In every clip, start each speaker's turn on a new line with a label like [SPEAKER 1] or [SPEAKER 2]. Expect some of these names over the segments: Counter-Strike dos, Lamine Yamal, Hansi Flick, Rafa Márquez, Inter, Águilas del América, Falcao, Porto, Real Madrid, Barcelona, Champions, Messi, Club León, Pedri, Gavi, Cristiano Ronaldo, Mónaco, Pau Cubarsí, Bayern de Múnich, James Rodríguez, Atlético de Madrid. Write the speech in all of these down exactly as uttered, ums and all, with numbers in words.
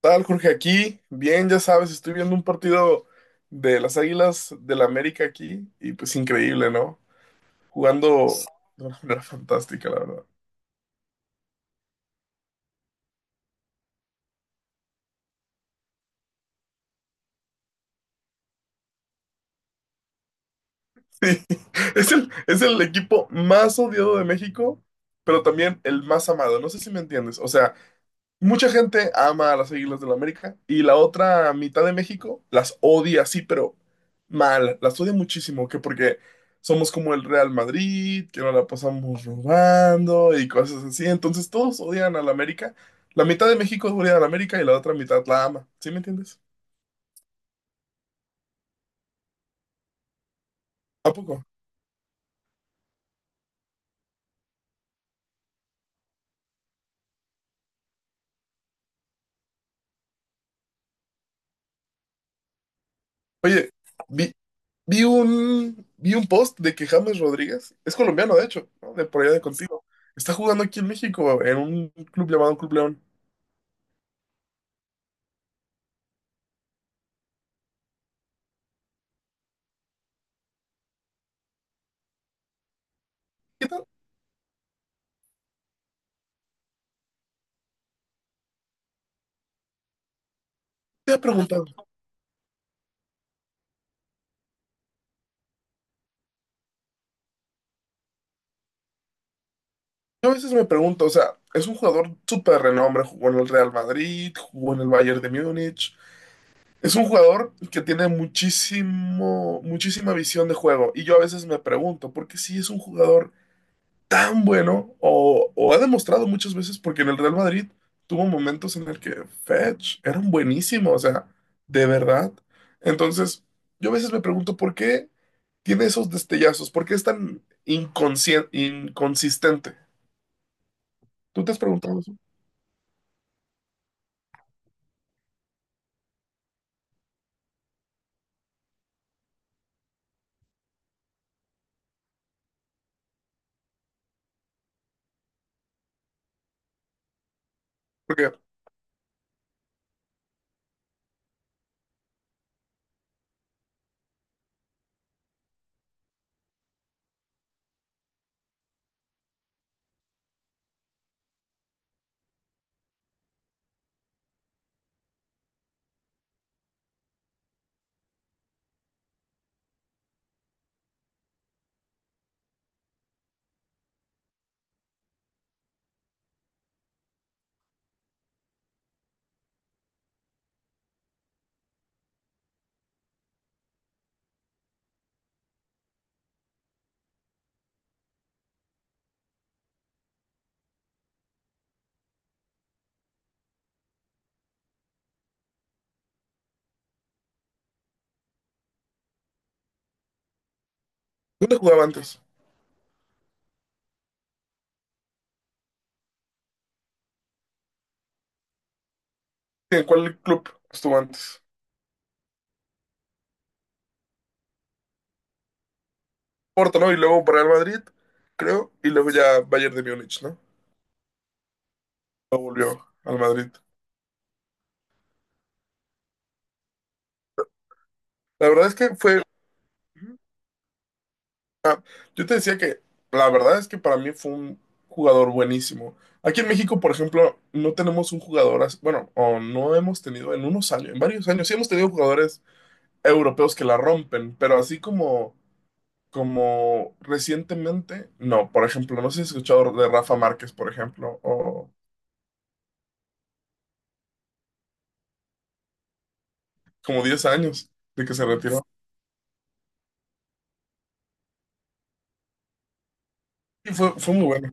[SPEAKER 1] ¿Tal, Jorge? Aquí, bien, ya sabes, estoy viendo un partido de las Águilas del la América aquí y pues increíble, ¿no? Jugando de una manera fantástica, la verdad. Sí, es el, es el equipo más odiado de México, pero también el más amado. No sé si me entiendes. O sea, mucha gente ama a las Águilas del América y la otra mitad de México las odia, sí, pero mal, las odia muchísimo, que porque somos como el Real Madrid, que nos la pasamos robando y cosas así. Entonces todos odian a la América. La mitad de México odia a la América y la otra mitad la ama. ¿Sí me entiendes? ¿A poco? Oye, vi, vi un, vi un post de que James Rodríguez, es colombiano de hecho, ¿no?, de por allá de contigo, está jugando aquí en México en un club llamado Club León. ¿Qué tal? Te he preguntado. Yo a veces me pregunto, o sea, es un jugador súper renombre, jugó en el Real Madrid, jugó en el Bayern de Múnich. Es un jugador que tiene muchísimo, muchísima visión de juego. Y yo a veces me pregunto, ¿por qué si es un jugador tan bueno? O, o ha demostrado muchas veces, porque en el Real Madrid tuvo momentos en el que Fetch era un buenísimo, o sea, de verdad. Entonces, yo a veces me pregunto, ¿por qué tiene esos destellazos? ¿Por qué es tan inconscien- inconsistente? ¿Tú te has preguntado eso? Porque ¿dónde jugaba antes? ¿En cuál club estuvo antes? Porto, ¿no? Y luego Real Madrid, creo. Y luego ya Bayern de Múnich, ¿no? Luego volvió al Madrid. La verdad es que fue... Yo te decía que la verdad es que para mí fue un jugador buenísimo. Aquí en México, por ejemplo, no tenemos un jugador, as- bueno, o no hemos tenido en unos años, en varios años, sí hemos tenido jugadores europeos que la rompen, pero así como, como recientemente, no. Por ejemplo, no sé si has escuchado de Rafa Márquez, por ejemplo, o como diez años de que se retiró. Y fue, fue muy bueno,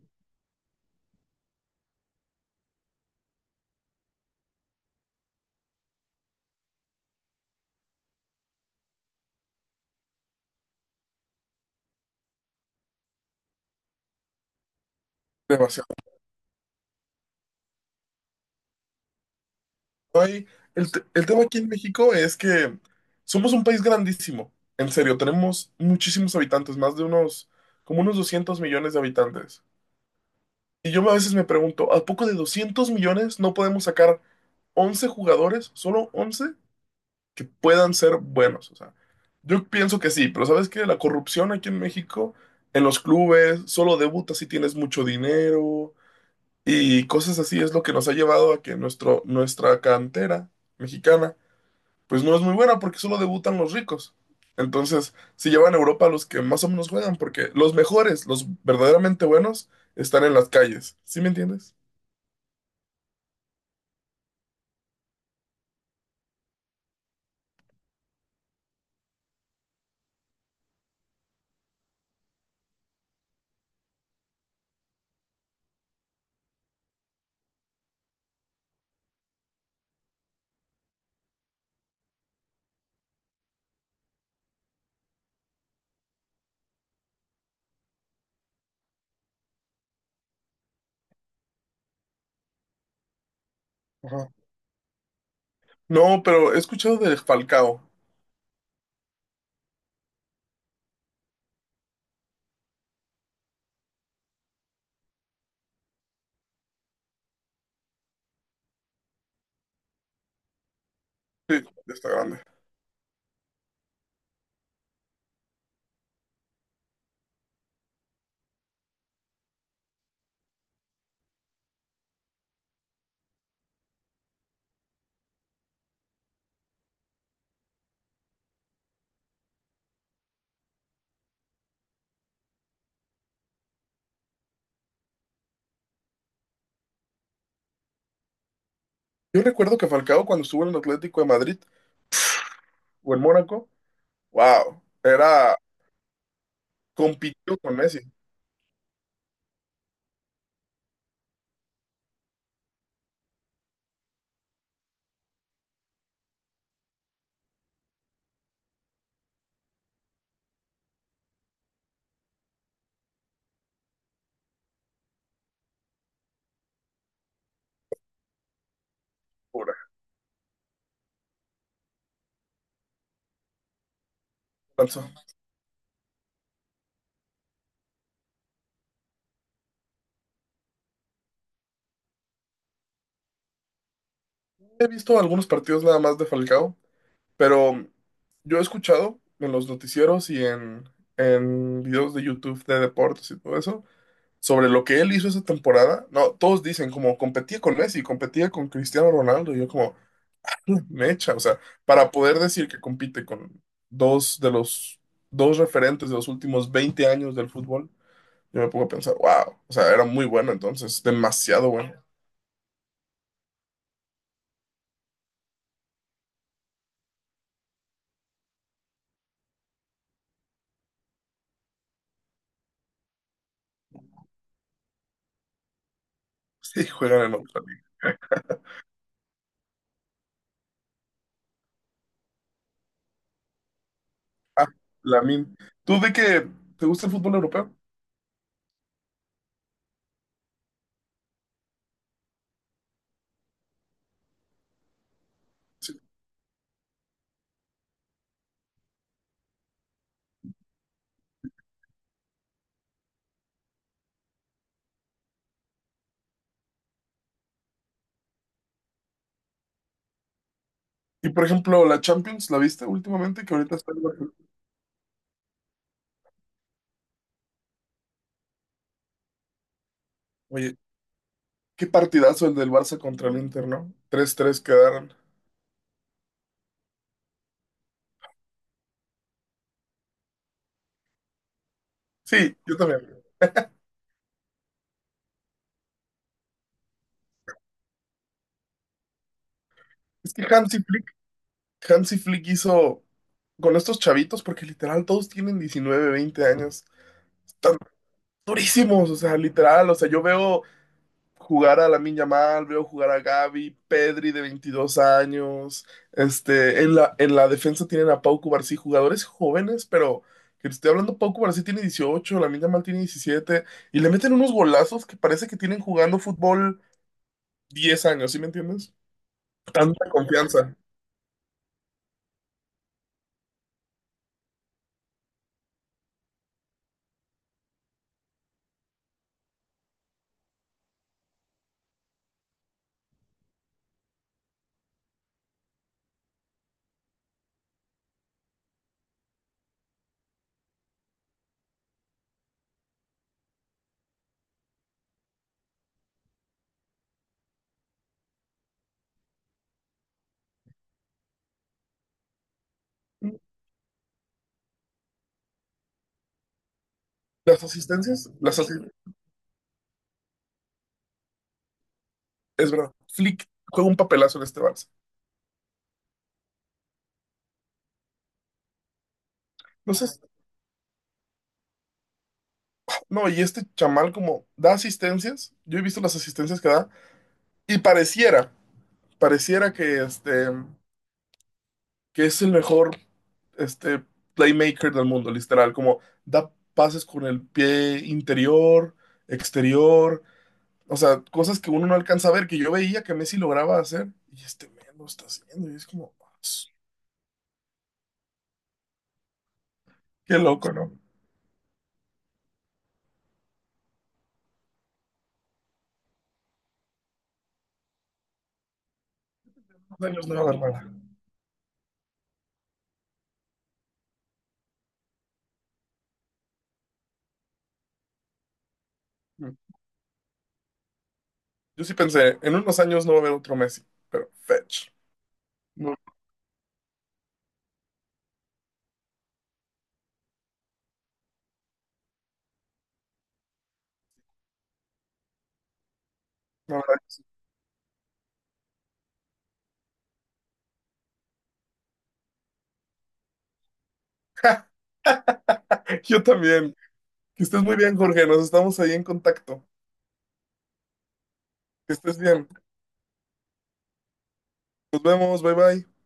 [SPEAKER 1] demasiado. Ahí, el, te- el tema aquí en México es que somos un país grandísimo, en serio, tenemos muchísimos habitantes, más de unos, como unos doscientos millones de habitantes. Y yo a veces me pregunto, ¿a poco de doscientos millones no podemos sacar once jugadores, solo once que puedan ser buenos? O sea, yo pienso que sí, pero ¿sabes qué? La corrupción aquí en México, en los clubes, solo debutas si tienes mucho dinero. Y cosas así es lo que nos ha llevado a que nuestro, nuestra cantera mexicana, pues no es muy buena porque solo debutan los ricos. Entonces, si llevan a Europa los que más o menos juegan, porque los mejores, los verdaderamente buenos, están en las calles. ¿Sí me entiendes? Ajá. No, pero he escuchado de Falcao. Sí, está grande. Yo recuerdo que Falcao cuando estuvo en el Atlético de Madrid o en Mónaco, wow, era compitió con Messi, pura. He visto algunos partidos nada más de Falcao. Pero yo he escuchado en los noticieros y en, en videos de YouTube de deportes y todo eso, sobre lo que él hizo esa temporada. No, todos dicen como competía con Messi, competía con Cristiano Ronaldo. Y yo como, mecha, o sea, para poder decir que compite con dos de los dos referentes de los últimos veinte años del fútbol, yo me pongo a pensar, wow, o sea, era muy bueno entonces, demasiado bueno. Sí, juegan en otra liga. Ah, Lamine, ¿tú de que te gusta el fútbol europeo? Sí. Y por ejemplo, la Champions, ¿la viste últimamente? Que ahorita está el Barcelona. Oye, qué partidazo el del Barça contra el Inter, no tres tres quedaron. Sí, yo también. Es que Hansi Flick, Hansi Flick hizo con estos chavitos, porque literal todos tienen diecinueve veinte años. Están durísimos, o sea, literal. O sea, yo veo jugar a Lamine Yamal, veo jugar a Gavi, Pedri de veintidós años. Este, en la, en la defensa tienen a Pau Cubarsí, jugadores jóvenes, pero que te estoy hablando, Pau Cubarsí tiene dieciocho, Lamine Yamal tiene diecisiete y le meten unos golazos que parece que tienen jugando fútbol diez años, ¿sí me entiendes? Tanta confianza. Las asistencias, las asistencias, es verdad. Flick juega un papelazo en este Barça. Entonces, no, y este chamal como da asistencias, yo he visto las asistencias que da, y pareciera pareciera que, este, que es el mejor este, playmaker del mundo, literal, como da pases con el pie interior, exterior, o sea, cosas que uno no alcanza a ver, que yo veía que Messi lograba hacer, y este men lo está haciendo, y es como, qué loco, ¿no? Unos años no va a haber nada. Yo sí pensé, en unos años no va a haber otro Messi, pero fetch. No, no, habrá Messi. Yo también. Que estés muy bien, Jorge. Nos estamos ahí en contacto. Que estés bien. Nos vemos. Bye bye.